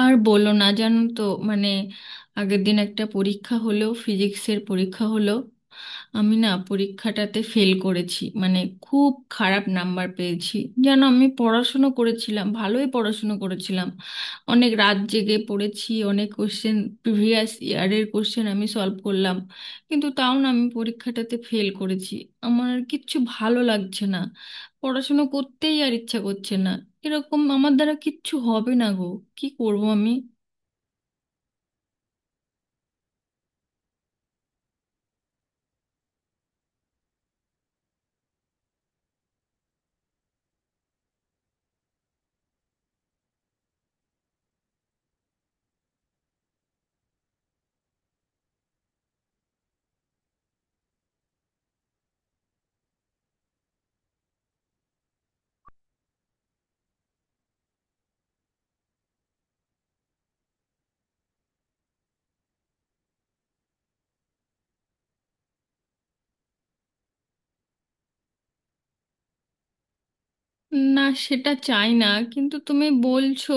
আর বলো না, জানো তো, মানে আগের দিন একটা পরীক্ষা হলো, ফিজিক্সের পরীক্ষা হলো। আমি না পরীক্ষাটাতে ফেল করেছি, মানে খুব খারাপ নাম্বার পেয়েছি। জানো, আমি পড়াশুনো করেছিলাম, ভালোই পড়াশুনো করেছিলাম, অনেক রাত জেগে পড়েছি, অনেক কোশ্চেন, প্রিভিয়াস ইয়ারের কোশ্চেন আমি সলভ করলাম, কিন্তু তাও না আমি পরীক্ষাটাতে ফেল করেছি। আমার আর কিচ্ছু ভালো লাগছে না, পড়াশুনো করতেই আর ইচ্ছা করছে না। এরকম আমার দ্বারা কিচ্ছু হবে না গো, কি করব আমি? না, সেটা চাই না, কিন্তু তুমি বলছো,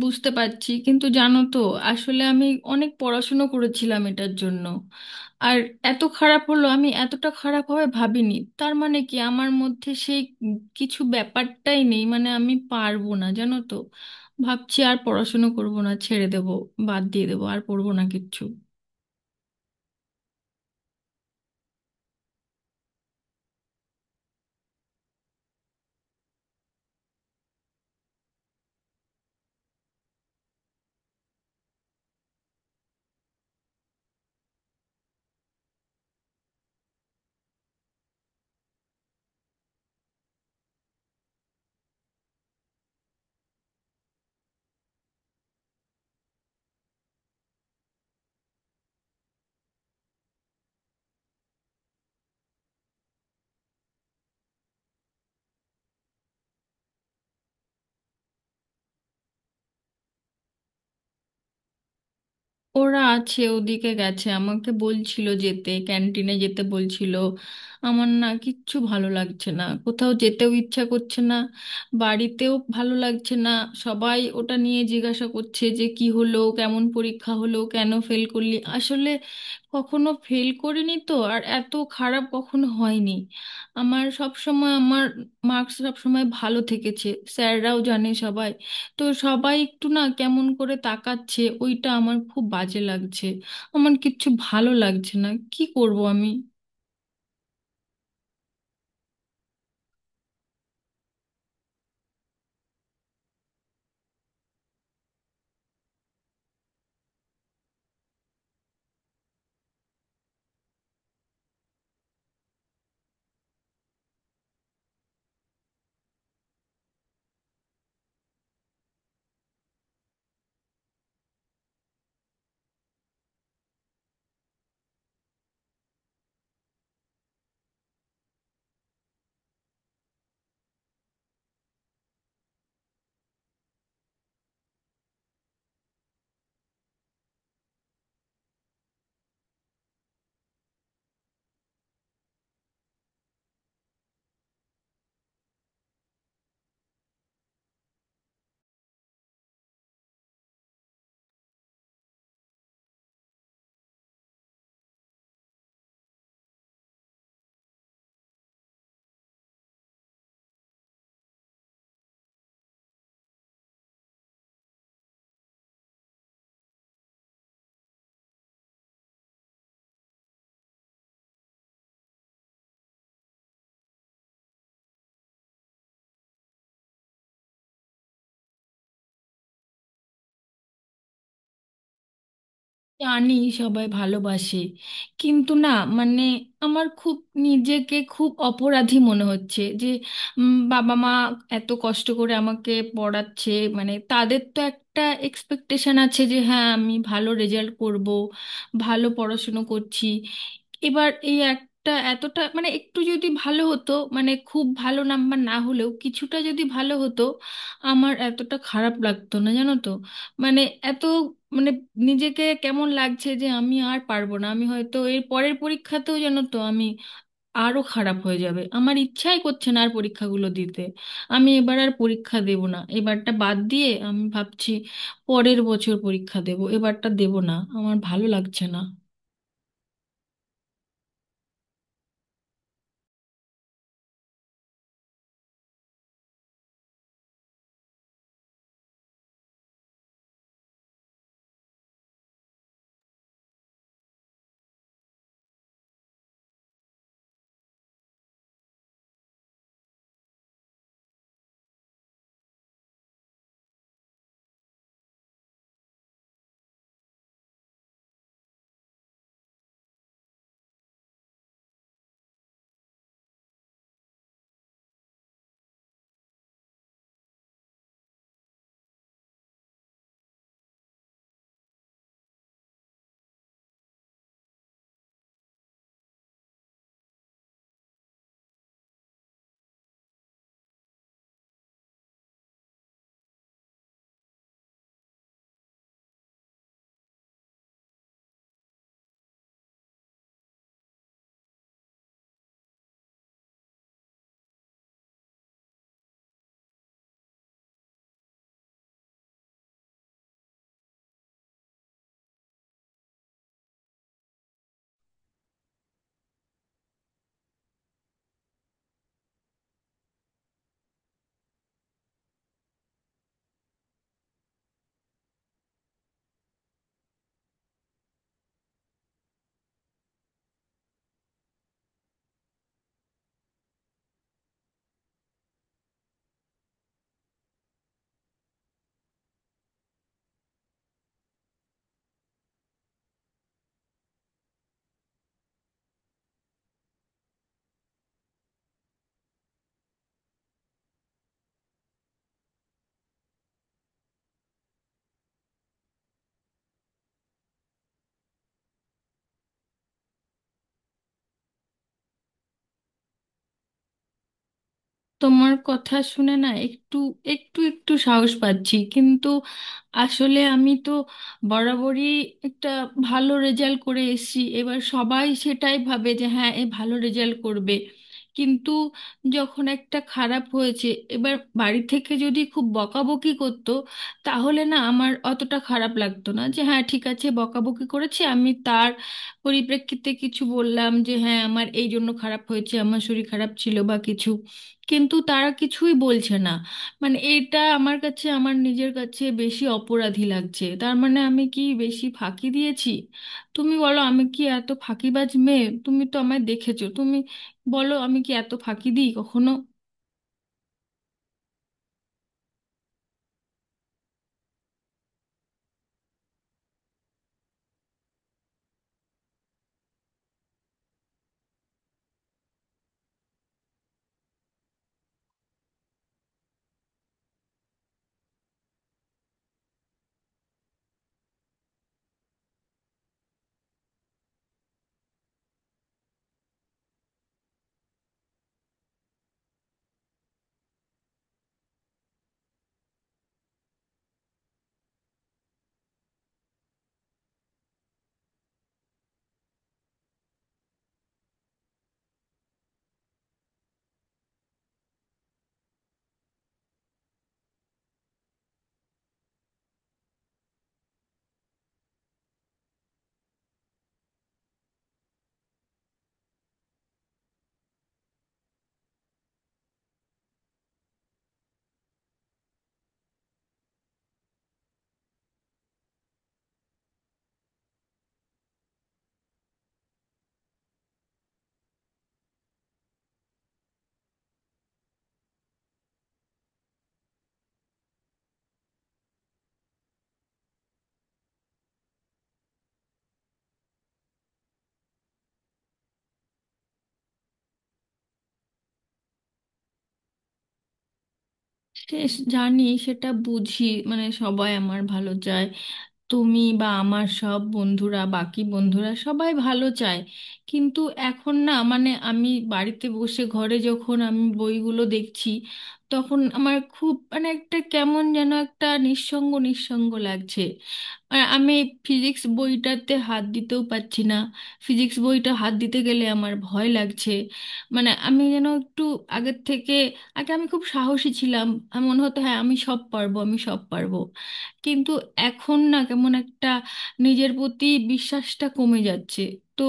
বুঝতে পারছি, কিন্তু জানো তো আসলে আমি অনেক পড়াশুনো করেছিলাম এটার জন্য, আর এত খারাপ হলো, আমি এতটা খারাপ হবে ভাবিনি। তার মানে কি আমার মধ্যে সেই কিছু ব্যাপারটাই নেই, মানে আমি পারবো না, জানো তো। ভাবছি আর পড়াশুনো করবো না, ছেড়ে দেবো, বাদ দিয়ে দেবো, আর পড়বো না কিচ্ছু। ওরা আছে, ওদিকে গেছে, আমাকে বলছিল যেতে, ক্যান্টিনে যেতে বলছিল। আমার না কিচ্ছু ভালো লাগছে না, কোথাও যেতেও ইচ্ছা করছে না, বাড়িতেও ভালো লাগছে না। সবাই ওটা নিয়ে জিজ্ঞাসা করছে যে কি হলো, কেমন পরীক্ষা হলো, কেন ফেল করলি। আসলে কখনো ফেল করিনি তো, আর এত খারাপ কখনো হয়নি। আমার সব সময় আমার মার্কস সব সময় ভালো থেকেছে, স্যাররাও জানে সবাই। তো সবাই একটু না কেমন করে তাকাচ্ছে, ওইটা আমার খুব বাজে লাগছে। আমার কিচ্ছু ভালো লাগছে না, কি করব আমি? জানি, সবাই ভালোবাসে, কিন্তু না, মানে আমার খুব নিজেকে খুব অপরাধী মনে হচ্ছে যে বাবা মা এত কষ্ট করে আমাকে পড়াচ্ছে। মানে তাদের তো একটা এক্সপেকটেশন আছে যে হ্যাঁ আমি ভালো রেজাল্ট করব, ভালো পড়াশুনো করছি। এবার এই একটা এতটা, মানে একটু যদি ভালো হতো, মানে খুব ভালো নাম্বার না হলেও কিছুটা যদি ভালো হতো, আমার এতটা খারাপ লাগতো না, জানো তো। মানে এত, মানে নিজেকে কেমন লাগছে যে আমি আর পারবো না, আমি হয়তো এর পরের পরীক্ষাতেও যেন তো আমি আরো খারাপ হয়ে যাবে। আমার ইচ্ছাই করছে না আর পরীক্ষাগুলো দিতে। আমি এবার আর পরীক্ষা দেব না, এবারটা বাদ দিয়ে আমি ভাবছি পরের বছর পরীক্ষা দেব, এবারটা দেব না, আমার ভালো লাগছে না। তোমার কথা শুনে না একটু, একটু একটু সাহস পাচ্ছি, কিন্তু আসলে আমি তো বরাবরই একটা ভালো রেজাল্ট করে এসেছি, এবার সবাই সেটাই ভাবে যে হ্যাঁ এ ভালো রেজাল্ট করবে। কিন্তু যখন একটা খারাপ হয়েছে এবার, বাড়ি থেকে যদি খুব বকাবকি করতো, তাহলে না আমার অতটা খারাপ লাগতো না, যে হ্যাঁ ঠিক আছে বকাবকি করেছে, আমি তার পরিপ্রেক্ষিতে কিছু বললাম যে হ্যাঁ আমার এই জন্য খারাপ হয়েছে, আমার শরীর খারাপ ছিল বা কিছু। কিন্তু তারা কিছুই বলছে না, মানে এটা আমার কাছে, আমার নিজের কাছে বেশি অপরাধী লাগছে। তার মানে আমি কি বেশি ফাঁকি দিয়েছি? তুমি বলো, আমি কি এত ফাঁকিবাজ মেয়ে? তুমি তো আমায় দেখেছো, তুমি বলো, আমি কি এত ফাঁকি দিই কখনো? সে, জানি সেটা বুঝি, মানে সবাই আমার ভালো চায়, তুমি বা আমার সব বন্ধুরা, বাকি বন্ধুরা সবাই ভালো চায়। কিন্তু এখন না, মানে আমি বাড়িতে বসে ঘরে যখন আমি বইগুলো দেখছি, তখন আমার খুব, মানে একটা কেমন যেন একটা নিঃসঙ্গ নিঃসঙ্গ লাগছে। আর আমি ফিজিক্স বইটাতে হাত দিতেও পারছি না, ফিজিক্স বইটা হাত দিতে গেলে আমার ভয় লাগছে। মানে আমি যেন একটু আগের থেকে, আগে আমি খুব সাহসী ছিলাম, আমার মনে হতো হ্যাঁ আমি সব পারবো, আমি সব পারবো। কিন্তু এখন না কেমন একটা নিজের প্রতি বিশ্বাসটা কমে যাচ্ছে। তো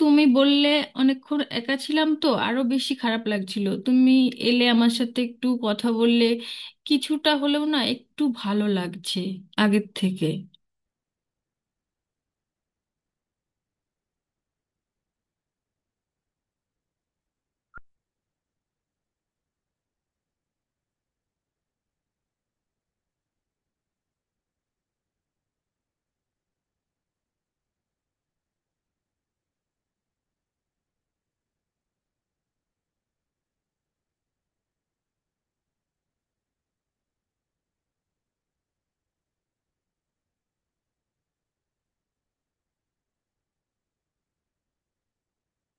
তুমি বললে, অনেকক্ষণ একা ছিলাম তো আরো বেশি খারাপ লাগছিল, তুমি এলে, আমার সাথে একটু কথা বললে, কিছুটা হলেও না একটু ভালো লাগছে আগের থেকে।